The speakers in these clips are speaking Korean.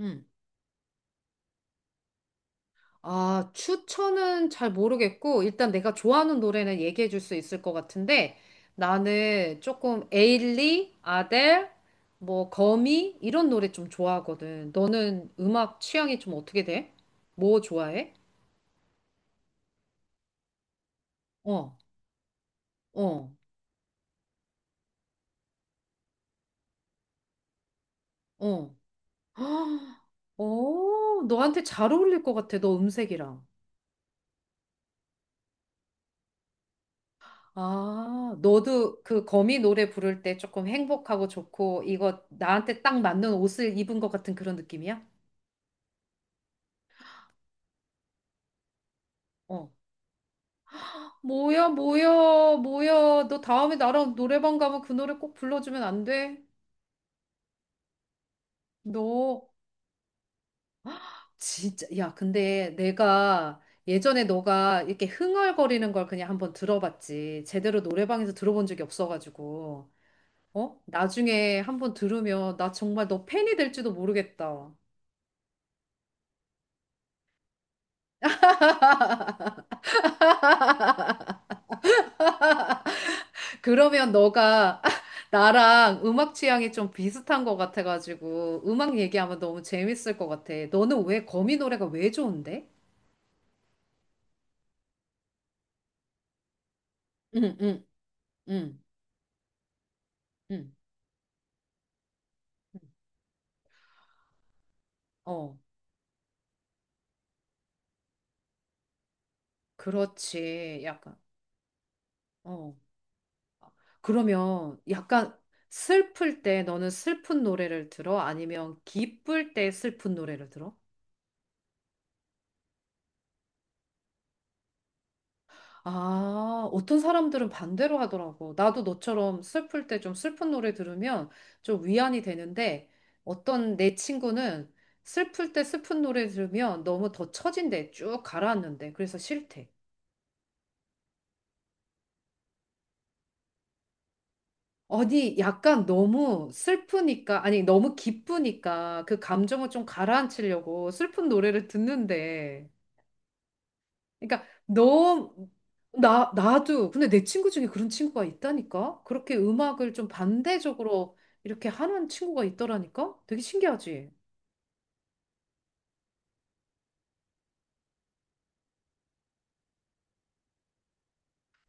음. 아, 추천은 잘 모르겠고, 일단 내가 좋아하는 노래는 얘기해 줄 수 있을 것 같은데, 나는 조금 에일리, 아델, 뭐, 거미, 이런 노래 좀 좋아하거든. 너는 음악 취향이 좀 어떻게 돼? 뭐 좋아해? 어, 어, 어. 헉, 어, 너한테 잘 어울릴 것 같아, 너 음색이랑. 아, 너도 그 거미 노래 부를 때 조금 행복하고 좋고, 이거 나한테 딱 맞는 옷을 입은 것 같은 그런 느낌이야? 어. 뭐야, 뭐야, 뭐야. 너 다음에 나랑 노래방 가면 그 노래 꼭 불러주면 안 돼? 너 진짜, 야, 근데 내가 예전에 너가 이렇게 흥얼거리는 걸 그냥 한번 들어봤지. 제대로 노래방에서 들어본 적이 없어가지고. 어? 나중에 한번 들으면 나 정말 너 팬이 될지도 모르겠다. 그러면 너가 나랑 음악 취향이 좀 비슷한 것 같아가지고 음악 얘기하면 너무 재밌을 것 같아. 너는 왜 거미 노래가 왜 좋은데? 응응 응, 응, 응. 어, 그렇지. 약간, 어. 그러면 약간 슬플 때 너는 슬픈 노래를 들어? 아니면 기쁠 때 슬픈 노래를 들어? 아, 어떤 사람들은 반대로 하더라고. 나도 너처럼 슬플 때 좀 슬픈 노래 들으면 좀 위안이 되는데 어떤 내 친구는 슬플 때 슬픈 노래 들으면 너무 더 처진대. 쭉 가라앉는데. 그래서 싫대. 아니, 약간 너무 슬프니까, 아니, 너무 기쁘니까 그 감정을 좀 가라앉히려고 슬픈 노래를 듣는데. 그러니까, 나도, 근데 내 친구 중에 그런 친구가 있다니까? 그렇게 음악을 좀 반대적으로 이렇게 하는 친구가 있더라니까? 되게 신기하지?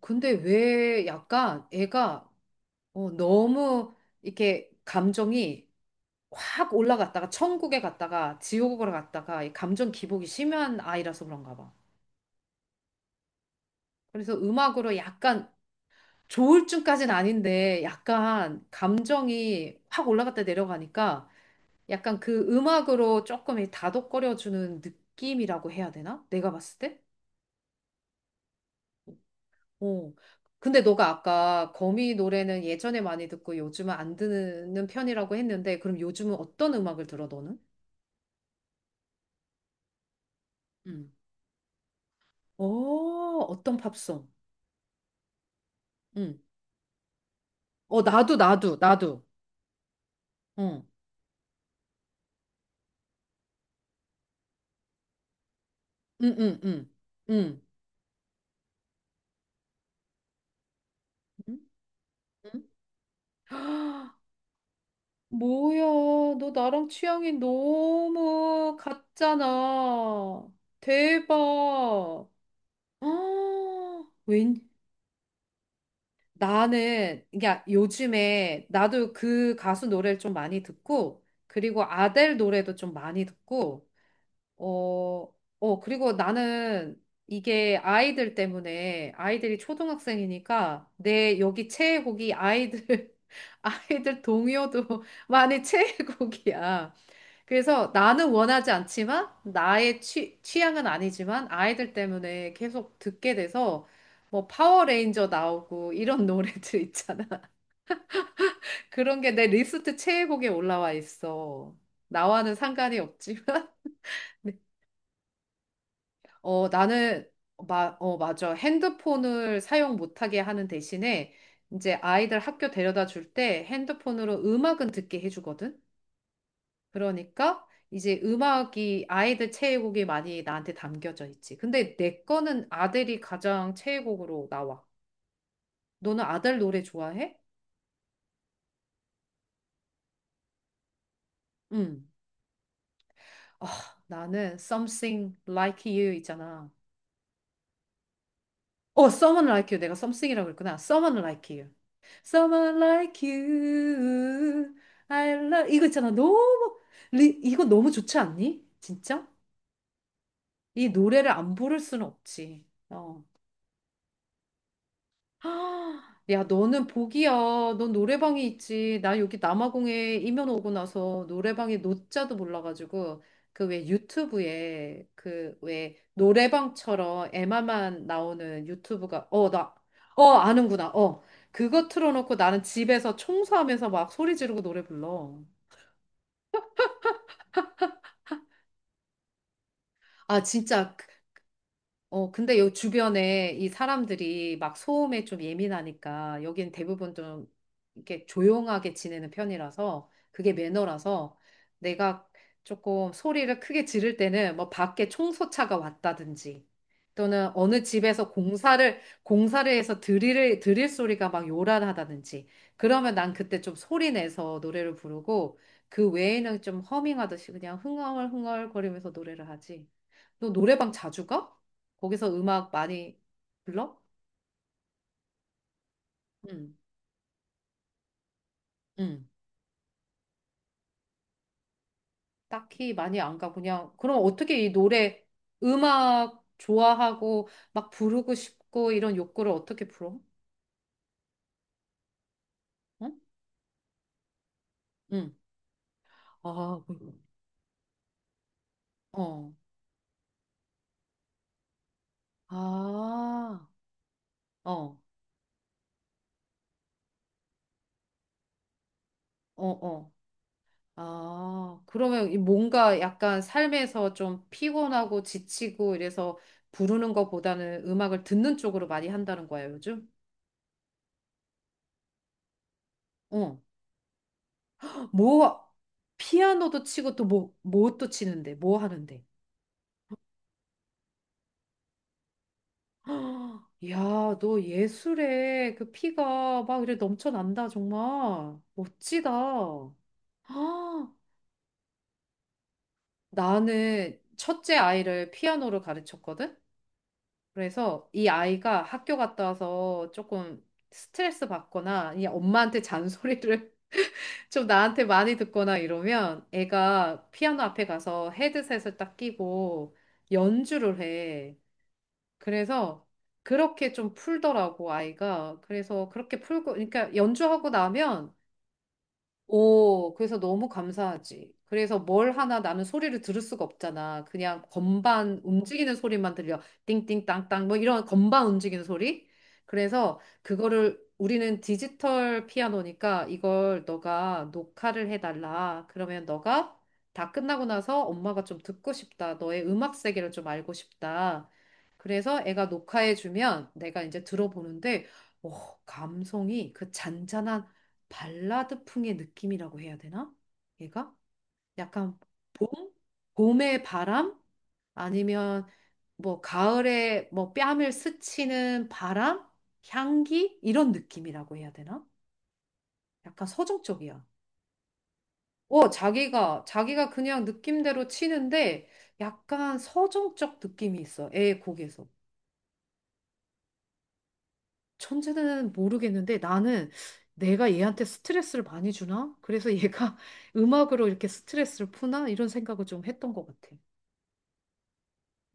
근데 왜 약간 애가 어, 너무 이렇게 감정이 확 올라갔다가 천국에 갔다가 지옥으로 갔다가 이 감정 기복이 심한 아이라서 그런가 봐. 그래서 음악으로 약간 조울증까지는 아닌데 약간 감정이 확 올라갔다 내려가니까 약간 그 음악으로 조금 이 다독거려주는 느낌이라고 해야 되나? 내가 봤을 때? 어. 근데 너가 아까 거미 노래는 예전에 많이 듣고 요즘은 안 듣는 편이라고 했는데 그럼 요즘은 어떤 음악을 들어 너는? 음. 어, 어떤 팝송? 음. 어, 나도 나도 나도. 응. 응, 응, 응. 응. 응? 응? 뭐야, 너 나랑 취향이 너무 같잖아. 대박. 아, 웬, 나는, 야, 요즘에 나도 그 가수 노래를 좀 많이 듣고, 그리고 아델 노래도 좀 많이 듣고, 어, 어, 그리고 나는 이게 아이들 때문에 아이들이 초등학생이니까 내 여기 최애곡이 아이들, 아이들 동요도 많이 최애곡이야. 그래서 나는 원하지 않지만 나의 취향은 아니지만 아이들 때문에 계속 듣게 돼서 뭐 파워레인저 나오고 이런 노래들 있잖아. 그런 게 내 리스트 최애곡에 올라와 있어. 나와는 상관이 없지만. 어, 나는, 어, 맞아. 핸드폰을 사용 못하게 하는 대신에 이제 아이들 학교 데려다 줄 때 핸드폰으로 음악은 듣게 해주거든? 그러니까 이제 음악이 아이들 최애곡이 많이 나한테 담겨져 있지. 근데 내 거는 아들이 가장 최애곡으로 나와. 너는 아들 노래 좋아해? 응. 아, 나는 Something Like You 있잖아. 어, Someone Like You. 내가 썸씽이라고 그랬구나. Someone Like You. Someone Like You. I love. 이거 있잖아. 너무, 리, 이거 너무 좋지 않니? 진짜? 이 노래를 안 부를 수는 없지. 어. 아, 야, 너는 복이야. 넌 노래방이 있지. 나 여기 남아공에 이민 오고 나서 노래방에 노자도 몰라가지고 그 왜 유튜브에 그 왜 노래방처럼 에마만 나오는 유튜브가 어, 나, 어, 아는구나. 어, 그거 틀어놓고 나는 집에서 청소하면서 막 소리 지르고 노래 불러. 아, 진짜 어, 근데 요 주변에 이 사람들이 막 소음에 좀 예민하니까 여긴 대부분 좀 이렇게 조용하게 지내는 편이라서 그게 매너라서 내가 조금 소리를 크게 지를 때는 뭐 밖에 청소차가 왔다든지 또는 어느 집에서 공사를 해서 드릴 소리가 막 요란하다든지 그러면 난 그때 좀 소리 내서 노래를 부르고 그 외에는 좀 허밍하듯이 그냥 흥얼흥얼 거리면서 노래를 하지. 너 노래방 자주 가? 거기서 음악 많이 불러? 응, 응. 딱히 많이 안 가. 그냥 그럼 어떻게 이 노래 음악 좋아하고 막 부르고 싶고 이런 욕구를 어떻게 풀어? 응? 응. 아, 어. 아. 어. 어, 어. 아. 그러면 이 뭔가 약간 삶에서 좀 피곤하고 지치고 이래서 부르는 것보다는 음악을 듣는 쪽으로 많이 한다는 거야, 요즘? 어. 뭐 피아노도 치고 또 뭐 또 치는데 뭐 하는데 헉, 야, 너 예술에 그 피가 막 이래 넘쳐난다 정말 멋지다 아, 나는 첫째 아이를 피아노를 가르쳤거든 그래서 이 아이가 학교 갔다 와서 조금 스트레스 받거나 이 엄마한테 잔소리를 좀 나한테 많이 듣거나 이러면 애가 피아노 앞에 가서 헤드셋을 딱 끼고 연주를 해. 그래서 그렇게 좀 풀더라고, 아이가. 그래서 그렇게 풀고, 그러니까 연주하고 나면 오, 그래서 너무 감사하지. 그래서 뭘 하나 나는 소리를 들을 수가 없잖아. 그냥 건반 움직이는 소리만 들려. 띵띵 땅땅 뭐 이런 건반 움직이는 소리. 그래서 그거를 우리는 디지털 피아노니까 이걸 너가 녹화를 해달라. 그러면 너가 다 끝나고 나서 엄마가 좀 듣고 싶다. 너의 음악 세계를 좀 알고 싶다. 그래서 애가 녹화해주면 내가 이제 들어보는데, 오, 감성이 그 잔잔한 발라드풍의 느낌이라고 해야 되나? 얘가 약간 봄? 봄의 바람? 아니면 뭐 가을에 뭐 뺨을 스치는 바람? 향기? 이런 느낌이라고 해야 되나? 약간 서정적이야. 어, 자기가 그냥 느낌대로 치는데 약간 서정적 느낌이 있어. 애 곡에서. 천재는 모르겠는데 나는 내가 얘한테 스트레스를 많이 주나? 그래서 얘가 음악으로 이렇게 스트레스를 푸나? 이런 생각을 좀 했던 것 같아.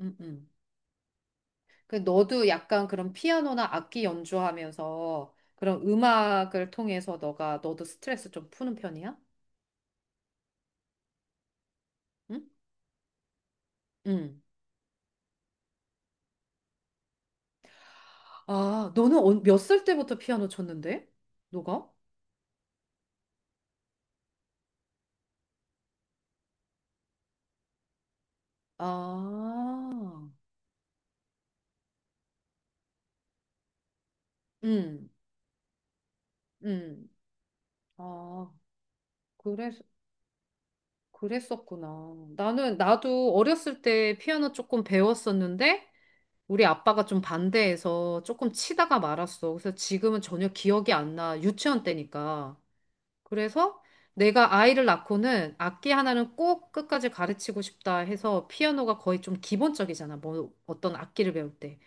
음, 음. 그 너도 약간 그런 피아노나 악기 연주하면서 그런 음악을 통해서 너가 너도 스트레스 좀 푸는 편이야? 응? 응. 아, 너는 몇 살 때부터 피아노 쳤는데? 너가? 아, 응, 응. 아, 그래서... 그랬었구나. 나는, 나도 어렸을 때 피아노 조금 배웠었는데, 우리 아빠가 좀 반대해서 조금 치다가 말았어. 그래서 지금은 전혀 기억이 안 나. 유치원 때니까. 그래서 내가 아이를 낳고는 악기 하나는 꼭 끝까지 가르치고 싶다 해서 피아노가 거의 좀 기본적이잖아. 뭐, 어떤 악기를 배울 때.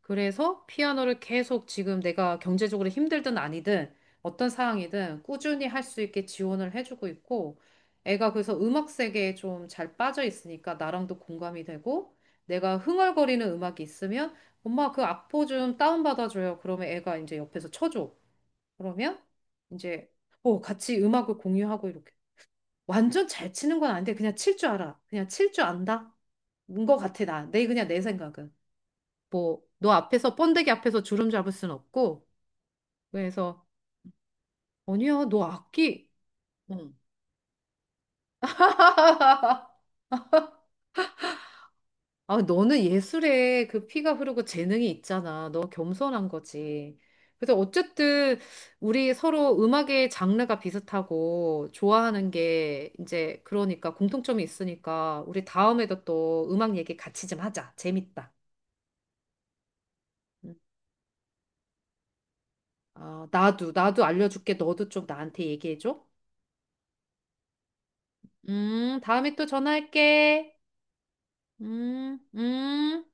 그래서 피아노를 계속 지금 내가 경제적으로 힘들든 아니든 어떤 상황이든 꾸준히 할 수 있게 지원을 해주고 있고 애가 그래서 음악 세계에 좀 잘 빠져 있으니까 나랑도 공감이 되고 내가 흥얼거리는 음악이 있으면 엄마 그 악보 좀 다운받아줘요. 그러면 애가 이제 옆에서 쳐줘. 그러면 이제 어, 같이 음악을 공유하고 이렇게 완전 잘 치는 건 아닌데 그냥 칠 줄 알아. 그냥 칠 줄 안다. 인것 같아 나. 내 그냥 내 생각은. 뭐 너 앞에서 번데기 앞에서 주름 잡을 순 없고 그래서 아니야 너 악기 응. 아 너는 예술에 그 피가 흐르고 재능이 있잖아 너 겸손한 거지 그래서 어쨌든 우리 서로 음악의 장르가 비슷하고 좋아하는 게 이제 그러니까 공통점이 있으니까 우리 다음에도 또 음악 얘기 같이 좀 하자 재밌다 음. 아 나도 나도 알려줄게 너도 좀 나한테 얘기해줘 다음에 또 전화할게 음.